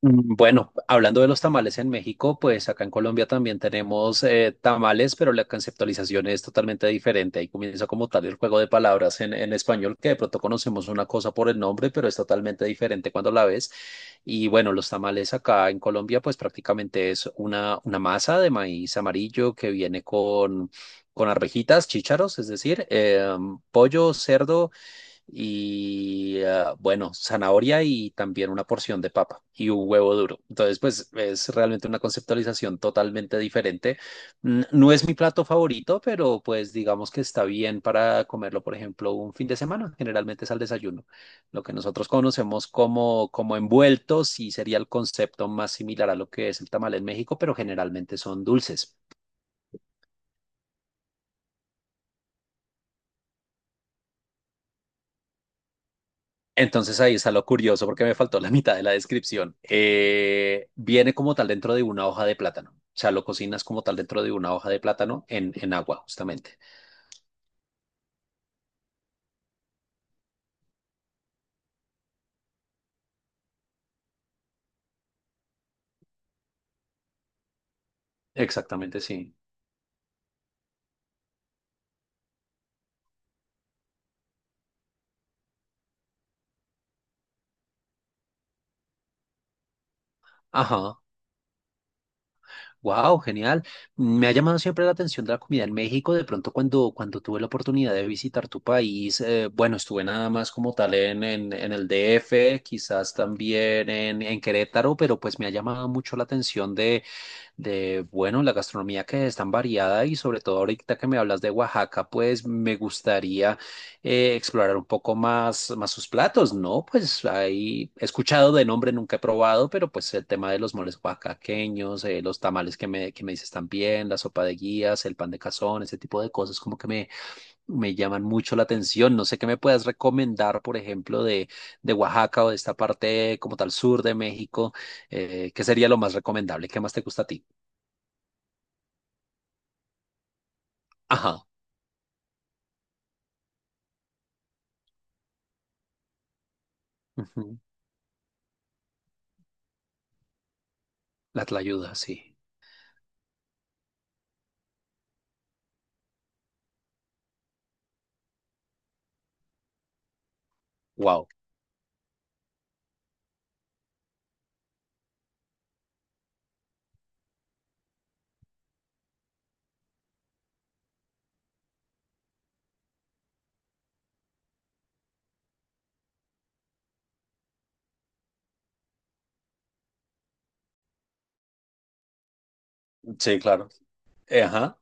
Bueno, hablando de los tamales en México, pues acá en Colombia también tenemos tamales, pero la conceptualización es totalmente diferente. Ahí comienza como tal el juego de palabras en español, que de pronto conocemos una cosa por el nombre, pero es totalmente diferente cuando la ves. Y bueno, los tamales acá en Colombia, pues prácticamente es una masa de maíz amarillo que viene con arvejitas, chícharos, es decir, pollo, cerdo y bueno, zanahoria y también una porción de papa y un huevo duro. Entonces, pues es realmente una conceptualización totalmente diferente. No es mi plato favorito, pero pues digamos que está bien para comerlo, por ejemplo, un fin de semana. Generalmente es al desayuno. Lo que nosotros conocemos como, como envueltos sí sería el concepto más similar a lo que es el tamal en México, pero generalmente son dulces. Entonces ahí está lo curioso porque me faltó la mitad de la descripción. Viene como tal dentro de una hoja de plátano. O sea, lo cocinas como tal dentro de una hoja de plátano en agua, justamente. Exactamente, sí. Ajá. Wow, genial. Me ha llamado siempre la atención de la comida en México. De pronto, cuando tuve la oportunidad de visitar tu país, bueno, estuve nada más como tal en el DF, quizás también en Querétaro, pero pues me ha llamado mucho la atención de, bueno, la gastronomía que es tan variada y sobre todo ahorita que me hablas de Oaxaca, pues me gustaría explorar un poco más, más sus platos, ¿no? Pues ahí he escuchado de nombre, nunca he probado, pero pues el tema de los moles oaxaqueños, los tamales que me dices también, la sopa de guías, el pan de cazón, ese tipo de cosas como que me llaman mucho la atención. No sé qué me puedas recomendar, por ejemplo, de Oaxaca o de esta parte como tal sur de México, ¿qué sería lo más recomendable? ¿Qué más te gusta a ti? Ajá. Ujú. La tlayuda, sí. Wow. Sí, claro. Ajá.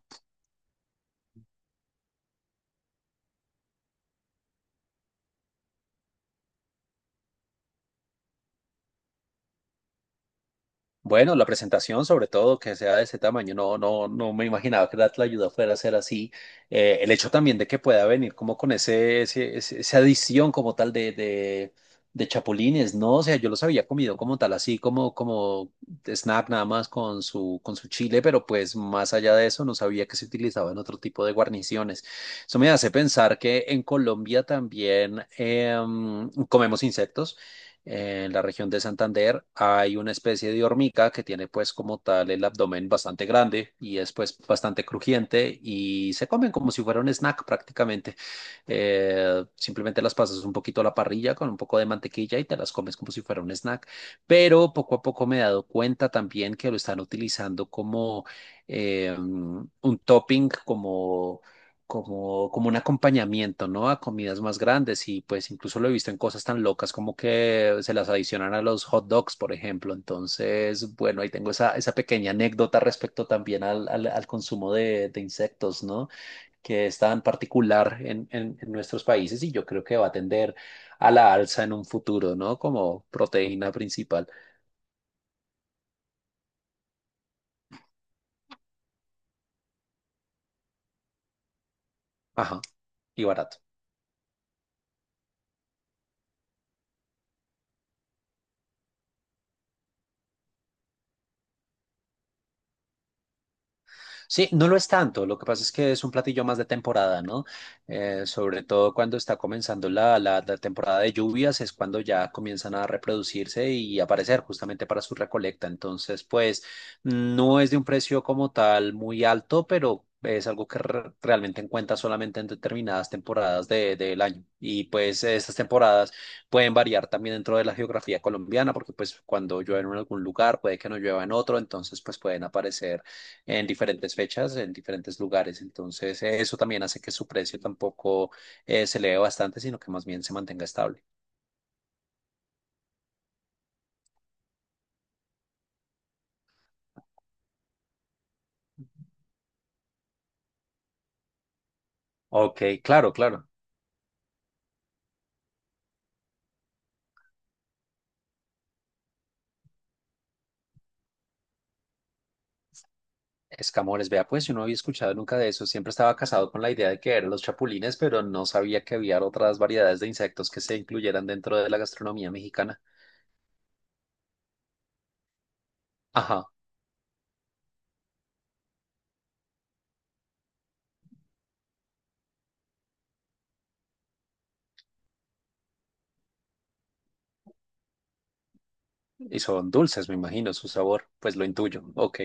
Bueno, la presentación, sobre todo, que sea de ese tamaño, no, no, no me imaginaba que la ayuda fuera a ser así. El hecho también de que pueda venir como con esa adición como tal de chapulines, ¿no? O sea, yo los había comido como tal, así como, como snack nada más con su chile, pero pues más allá de eso no sabía que se utilizaba en otro tipo de guarniciones. Eso me hace pensar que en Colombia también comemos insectos. En la región de Santander hay una especie de hormiga que tiene pues como tal el abdomen bastante grande y es pues bastante crujiente y se comen como si fuera un snack prácticamente. Simplemente las pasas un poquito a la parrilla con un poco de mantequilla y te las comes como si fuera un snack. Pero poco a poco me he dado cuenta también que lo están utilizando como un topping, como un acompañamiento, ¿no? A comidas más grandes y pues incluso lo he visto en cosas tan locas como que se las adicionan a los hot dogs, por ejemplo. Entonces, bueno, ahí tengo esa pequeña anécdota respecto también al consumo de insectos, ¿no? Que es tan particular en nuestros países y yo creo que va a tender a la alza en un futuro, ¿no? Como proteína principal. Ajá, y barato. Sí, no lo es tanto. Lo que pasa es que es un platillo más de temporada, ¿no? Sobre todo cuando está comenzando la temporada de lluvias, es cuando ya comienzan a reproducirse y aparecer justamente para su recolecta. Entonces, pues no es de un precio como tal muy alto, pero es algo que realmente encuentras solamente en determinadas temporadas del año. Y pues estas temporadas pueden variar también dentro de la geografía colombiana, porque pues cuando llueve en algún lugar, puede que no llueva en otro, entonces pues pueden aparecer en diferentes fechas, en diferentes lugares. Entonces, eso también hace que su precio tampoco se eleve bastante, sino que más bien se mantenga estable. Ok, claro, claro. Escamores, vea, pues yo no había escuchado nunca de eso. Siempre estaba casado con la idea de que eran los chapulines, pero no sabía que había otras variedades de insectos que se incluyeran dentro de la gastronomía mexicana. Ajá, y son dulces, me imagino, su sabor, pues lo intuyo. Ok,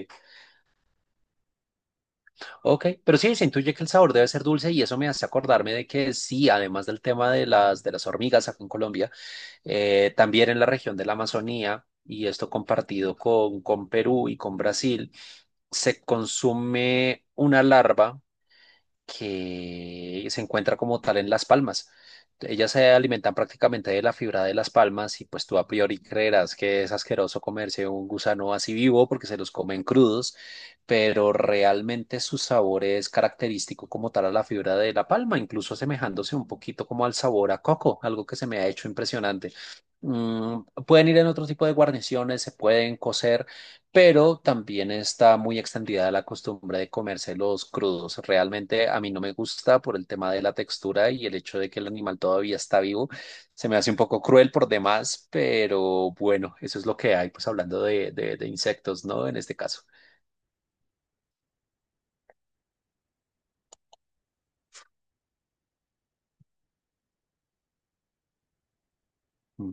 ok, pero sí, se intuye que el sabor debe ser dulce y eso me hace acordarme de que sí, además del tema de de las hormigas acá en Colombia, también en la región de la Amazonía, y esto compartido con Perú y con Brasil, se consume una larva que se encuentra como tal en las palmas. Ellas se alimentan prácticamente de la fibra de las palmas y pues tú a priori creerás que es asqueroso comerse un gusano así vivo porque se los comen crudos, pero realmente su sabor es característico como tal a la fibra de la palma, incluso asemejándose un poquito como al sabor a coco, algo que se me ha hecho impresionante. Mm, pueden ir en otro tipo de guarniciones, se pueden cocer pero también está muy extendida la costumbre de comérselos crudos. Realmente a mí no me gusta por el tema de la textura y el hecho de que el animal todavía está vivo. Se me hace un poco cruel por demás, pero bueno, eso es lo que hay, pues hablando de insectos, ¿no? En este caso, mm,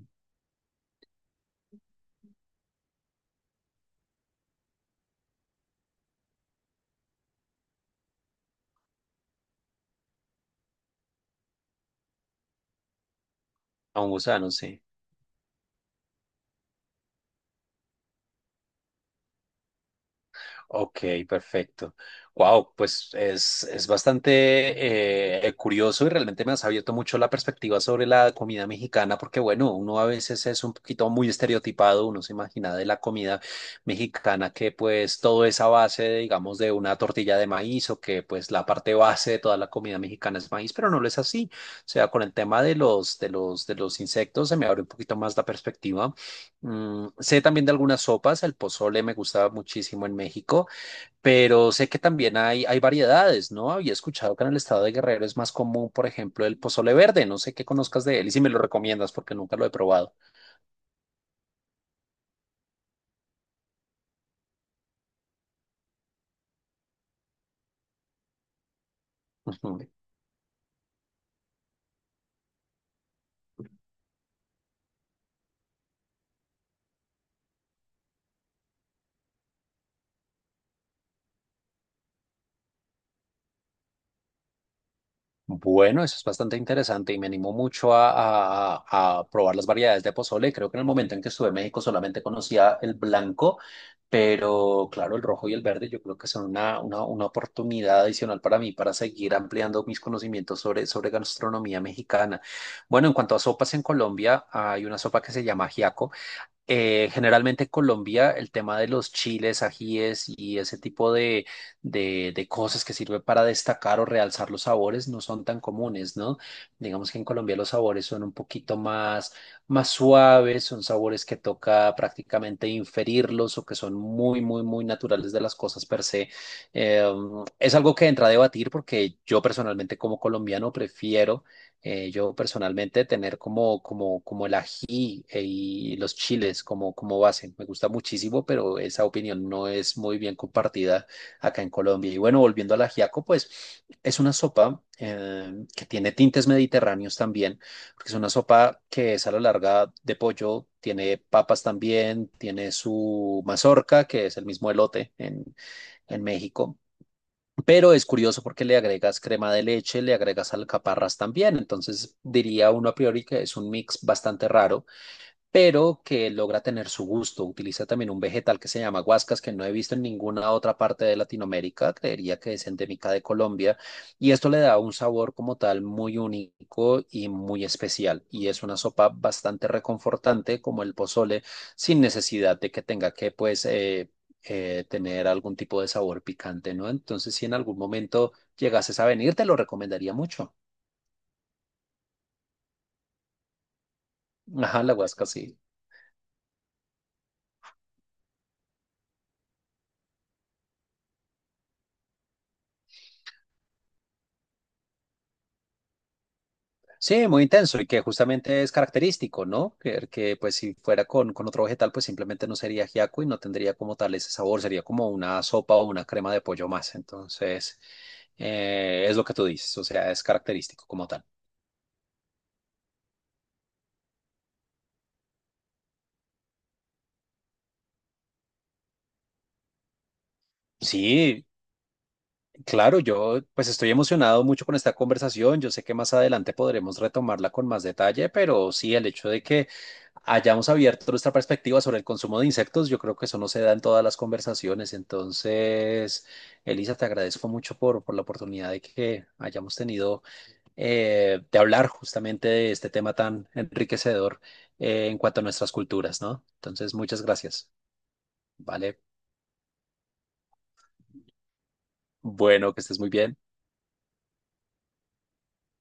a un gusano, sí. Ok, perfecto. Wow, pues es bastante curioso y realmente me has abierto mucho la perspectiva sobre la comida mexicana, porque bueno, uno a veces es un poquito muy estereotipado, uno se imagina de la comida mexicana que pues todo es a base, digamos, de una tortilla de maíz o que pues la parte base de toda la comida mexicana es maíz, pero no lo es así. O sea, con el tema de de los insectos se me abre un poquito más la perspectiva. Mm, sé también de algunas sopas, el pozole me gusta muchísimo en México. Pero sé que también hay variedades, ¿no? Había escuchado que en el estado de Guerrero es más común, por ejemplo, el pozole verde. No sé qué conozcas de él y si me lo recomiendas porque nunca lo he probado. Ujú. Bueno, eso es bastante interesante y me animó mucho a probar las variedades de pozole. Creo que en el momento en que estuve en México solamente conocía el blanco, pero claro, el rojo y el verde yo creo que son una oportunidad adicional para mí para seguir ampliando mis conocimientos sobre, sobre gastronomía mexicana. Bueno, en cuanto a sopas en Colombia, hay una sopa que se llama ajiaco. Generalmente en Colombia el tema de los chiles, ajíes y ese tipo de cosas que sirve para destacar o realzar los sabores no son tan comunes, ¿no? Digamos que en Colombia los sabores son un poquito más, más suaves, son sabores que toca prácticamente inferirlos o que son muy, muy, muy naturales de las cosas per se. Eh, es algo que entra a debatir porque yo personalmente como colombiano prefiero yo personalmente tener como el ají y los chiles como, como base. Me gusta muchísimo, pero esa opinión no es muy bien compartida acá en Colombia. Y bueno, volviendo al ajiaco, pues es una sopa que tiene tintes mediterráneos también, porque es una sopa que es a la larga de pollo, tiene papas también, tiene su mazorca, que es el mismo elote en México pero es curioso porque le agregas crema de leche, le agregas alcaparras también. Entonces diría uno a priori que es un mix bastante raro pero que logra tener su gusto. Utiliza también un vegetal que se llama guascas, que no he visto en ninguna otra parte de Latinoamérica, creería que es endémica de Colombia, y esto le da un sabor como tal muy único y muy especial, y es una sopa bastante reconfortante como el pozole, sin necesidad de que tenga que tener algún tipo de sabor picante, ¿no? Entonces, si en algún momento llegases a venir, te lo recomendaría mucho. Ajá, la guasca, sí. Sí, muy intenso y que justamente es característico, ¿no? Que, pues si fuera con otro vegetal, pues simplemente no sería ajiaco y no tendría como tal ese sabor, sería como una sopa o una crema de pollo más. Entonces, es lo que tú dices, o sea, es característico como tal. Sí, claro, yo pues estoy emocionado mucho con esta conversación. Yo sé que más adelante podremos retomarla con más detalle, pero sí, el hecho de que hayamos abierto nuestra perspectiva sobre el consumo de insectos, yo creo que eso no se da en todas las conversaciones. Entonces, Elisa, te agradezco mucho por la oportunidad de que hayamos tenido de hablar justamente de este tema tan enriquecedor en cuanto a nuestras culturas, ¿no? Entonces, muchas gracias. Vale, bueno, que estés muy bien.